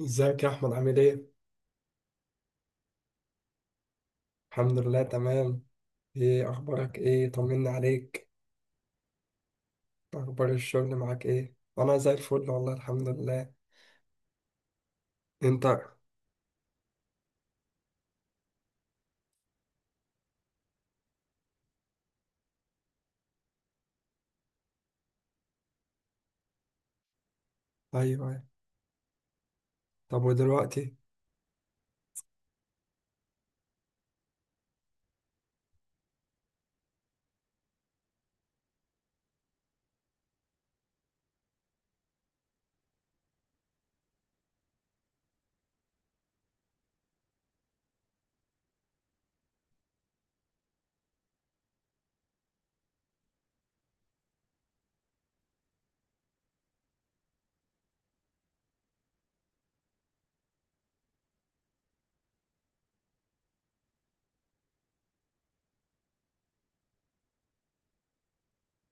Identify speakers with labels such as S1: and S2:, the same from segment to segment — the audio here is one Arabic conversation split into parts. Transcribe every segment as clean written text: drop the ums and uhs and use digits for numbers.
S1: ازيك يا احمد، عامل ايه؟ الحمد لله تمام. ايه اخبارك؟ ايه، طمني عليك. اخبار الشغل معاك ايه؟ انا زي الفل والله الحمد لله. انت. ايوه، أيوة. طب، ودلوقتي؟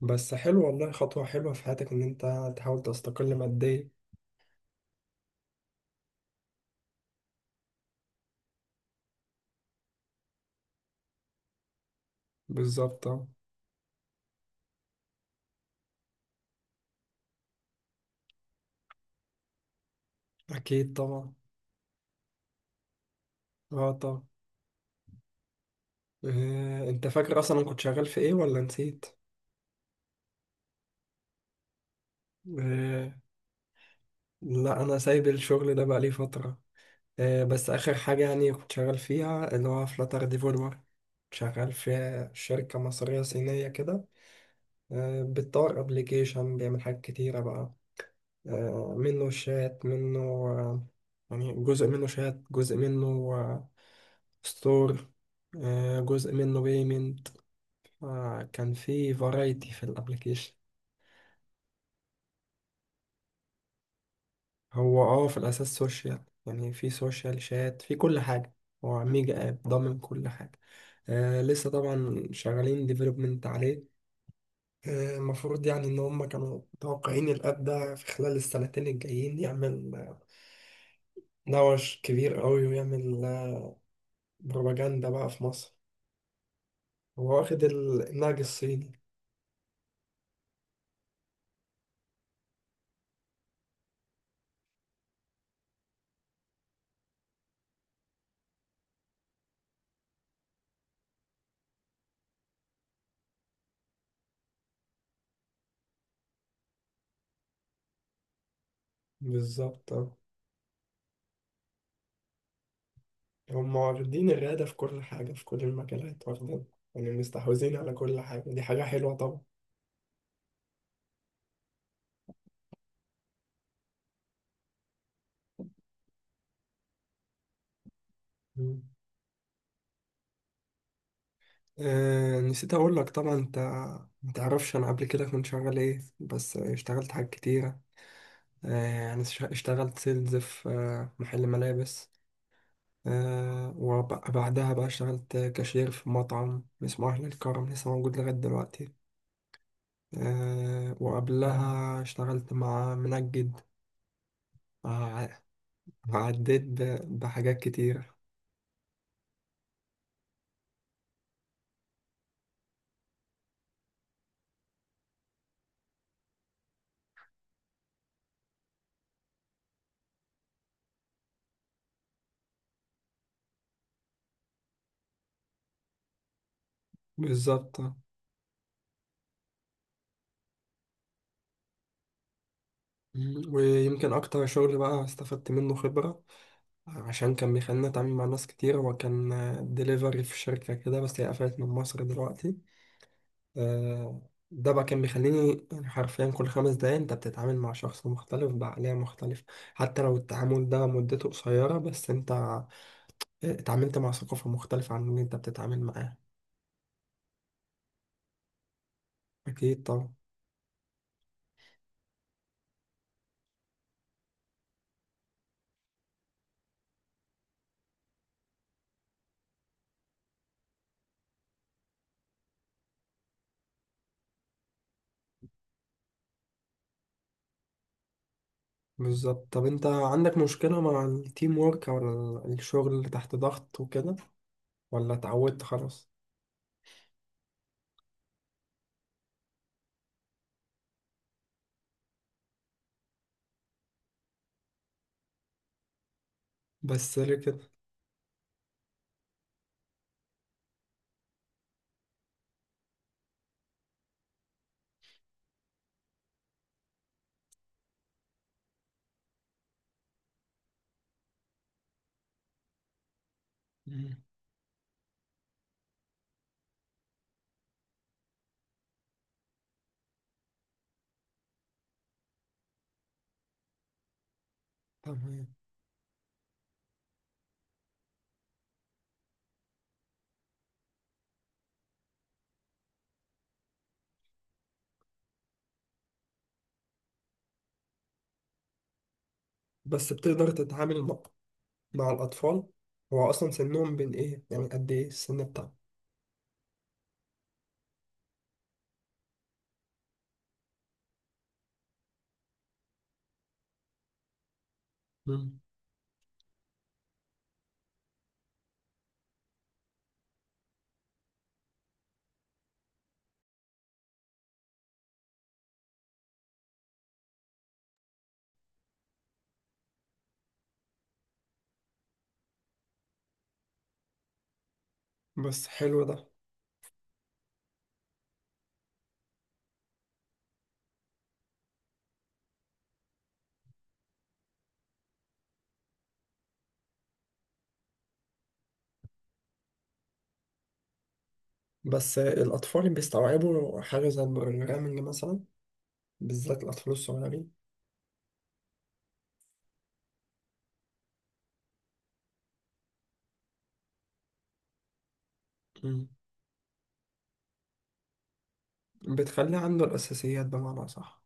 S1: بس حلو والله، خطوة حلوة في حياتك ان انت تحاول تستقل ماديا. بالظبط، اه. اكيد طبعا. اه، طبعا. إيه. انت فاكر اصلا أنا كنت شغال في ايه ولا نسيت؟ إيه. لا، انا سايب الشغل ده بقالي فترة. بس آخر حاجة يعني كنت شغال فيها اللي هو فلاتر ديفلوبر، شغال في شركة مصرية صينية كده. بتطور أبليكيشن بيعمل حاجات كتيرة بقى. منه شات، منه يعني جزء منه شات، جزء منه ستور، جزء منه بيمنت. كان في فرايتي في الأبليكيشن. هو في الأساس سوشيال، يعني في سوشيال شات في كل حاجة. هو ميجا آب ضامن كل حاجة. لسه طبعا شغالين ديفلوبمنت عليه. المفروض يعني إن هم كانوا متوقعين الأب ده في خلال السنتين الجايين يعمل نوش كبير أوي، ويعمل بروباجندا بقى في مصر. هو واخد النهج الصيني. بالظبط آه. هم واخدين الريادة في كل حاجة، في كل المجالات واخدين، يعني مستحوذين على كل حاجة. دي حاجة حلوة طبعا. مم. نسيت أقول لك. طبعا أنت متعرفش أنا قبل كده كنت شغال إيه، بس اشتغلت حاجات كتيرة. أنا اشتغلت سيلز في محل ملابس. وبعدها بقى اشتغلت كاشير في مطعم اسمه أهل الكرم، لسه موجود لغاية دلوقتي. وقبلها اشتغلت مع منجد. آه، عديت بحاجات كتير. بالظبط. مم، ويمكن أكتر شغل بقى استفدت منه خبرة، عشان كان بيخليني أتعامل مع ناس كتير. وكان ديليفري في شركة كده، بس هي قفلت من مصر دلوقتي. آه، ده بقى كان بيخليني يعني حرفيا كل 5 دقايق انت بتتعامل مع شخص مختلف بعقلية مختلفة. حتى لو التعامل ده مدته قصيرة، بس انت اتعاملت مع ثقافة مختلفة عن اللي انت بتتعامل معاه. اكيد طبعا. بالظبط. طب انت عندك مشكلة مع التيم وورك، او الشغل اللي تحت ضغط وكده، ولا اتعودت خلاص؟ بس ليه كده؟ مم، تمام. بس بتقدر تتعامل مع الأطفال؟ هو أصلا سنهم بين إيه يعني؟ قد إيه السن بتاعهم؟ مم. بس حلو ده. بس الأطفال بيستوعبوا حاجة زي البروجرامنج مثلا؟ بالذات الأطفال الصغيرين. مم. بتخلي عنده الأساسيات بمعنى، صح؟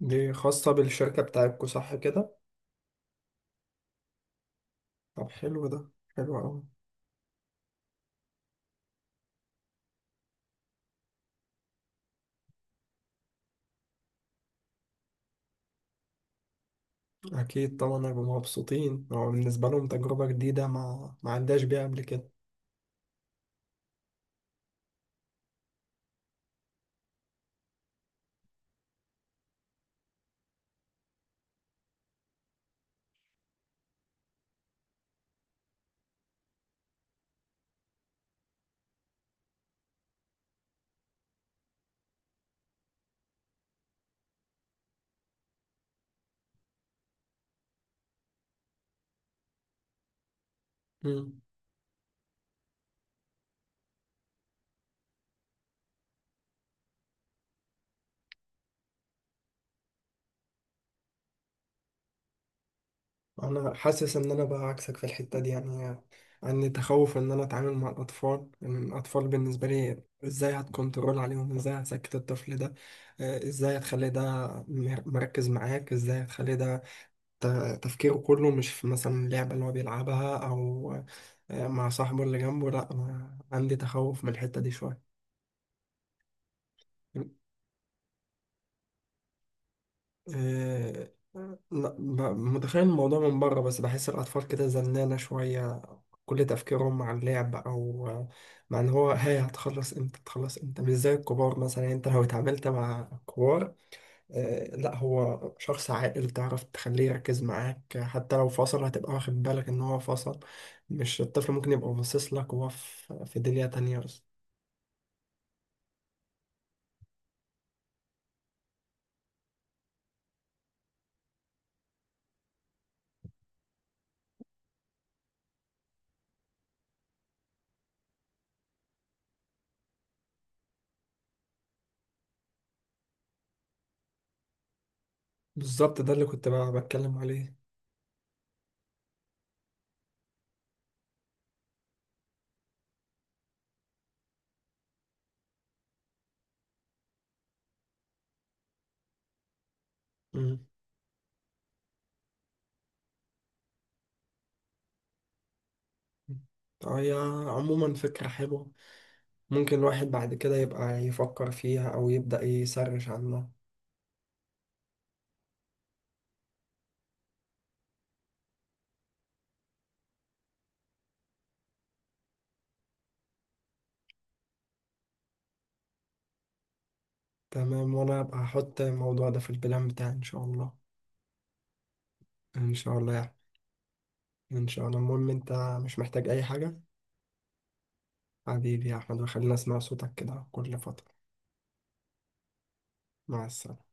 S1: دي خاصة بالشركة بتاعتكو صح كده؟ طب حلو ده، حلو أوي. أكيد طبعا هيبقوا مبسوطين، هو بالنسبة لهم تجربة جديدة ما عندهاش بيها قبل كده. انا حاسس ان انا بقى عكسك في الحته دي يعني. عندي تخوف ان انا اتعامل مع الاطفال، ان الاطفال بالنسبه لي ازاي هتكنترول عليهم، ازاي هتسكت الطفل ده، ازاي هتخلي ده مركز معاك، ازاي هتخلي ده تفكيره كله مش في مثلا اللعبه اللي هو بيلعبها، او مع صاحبه اللي جنبه. لا أنا عندي تخوف من الحته دي شويه. آه، لا، متخيل الموضوع من بره، بس بحس الأطفال كده زنانة شوية. كل تفكيرهم مع اللعب، او مع ان هو هاي هتخلص امتى، هتخلص امتى، مش زي الكبار مثلا. يعني انت لو اتعاملت مع كبار، لا، هو شخص عاقل تعرف تخليه يركز معاك. حتى لو فصل هتبقى واخد بالك ان هو فصل، مش الطفل ممكن يبقى باصص لك وهو في دنيا تانية بس. بالظبط، ده اللي كنت بقى بتكلم عليه. مم. هي عموما فكرة حلوة، ممكن الواحد بعد كده يبقى يفكر فيها أو يبدأ يسرش عنها. تمام، وانا هبقى هحط الموضوع ده في البلان بتاعي ان شاء الله. ان شاء الله يعني. ان شاء الله. المهم، انت مش محتاج اي حاجة؟ حبيبي يا احمد، وخلينا اسمع صوتك كده كل فترة. مع السلامة.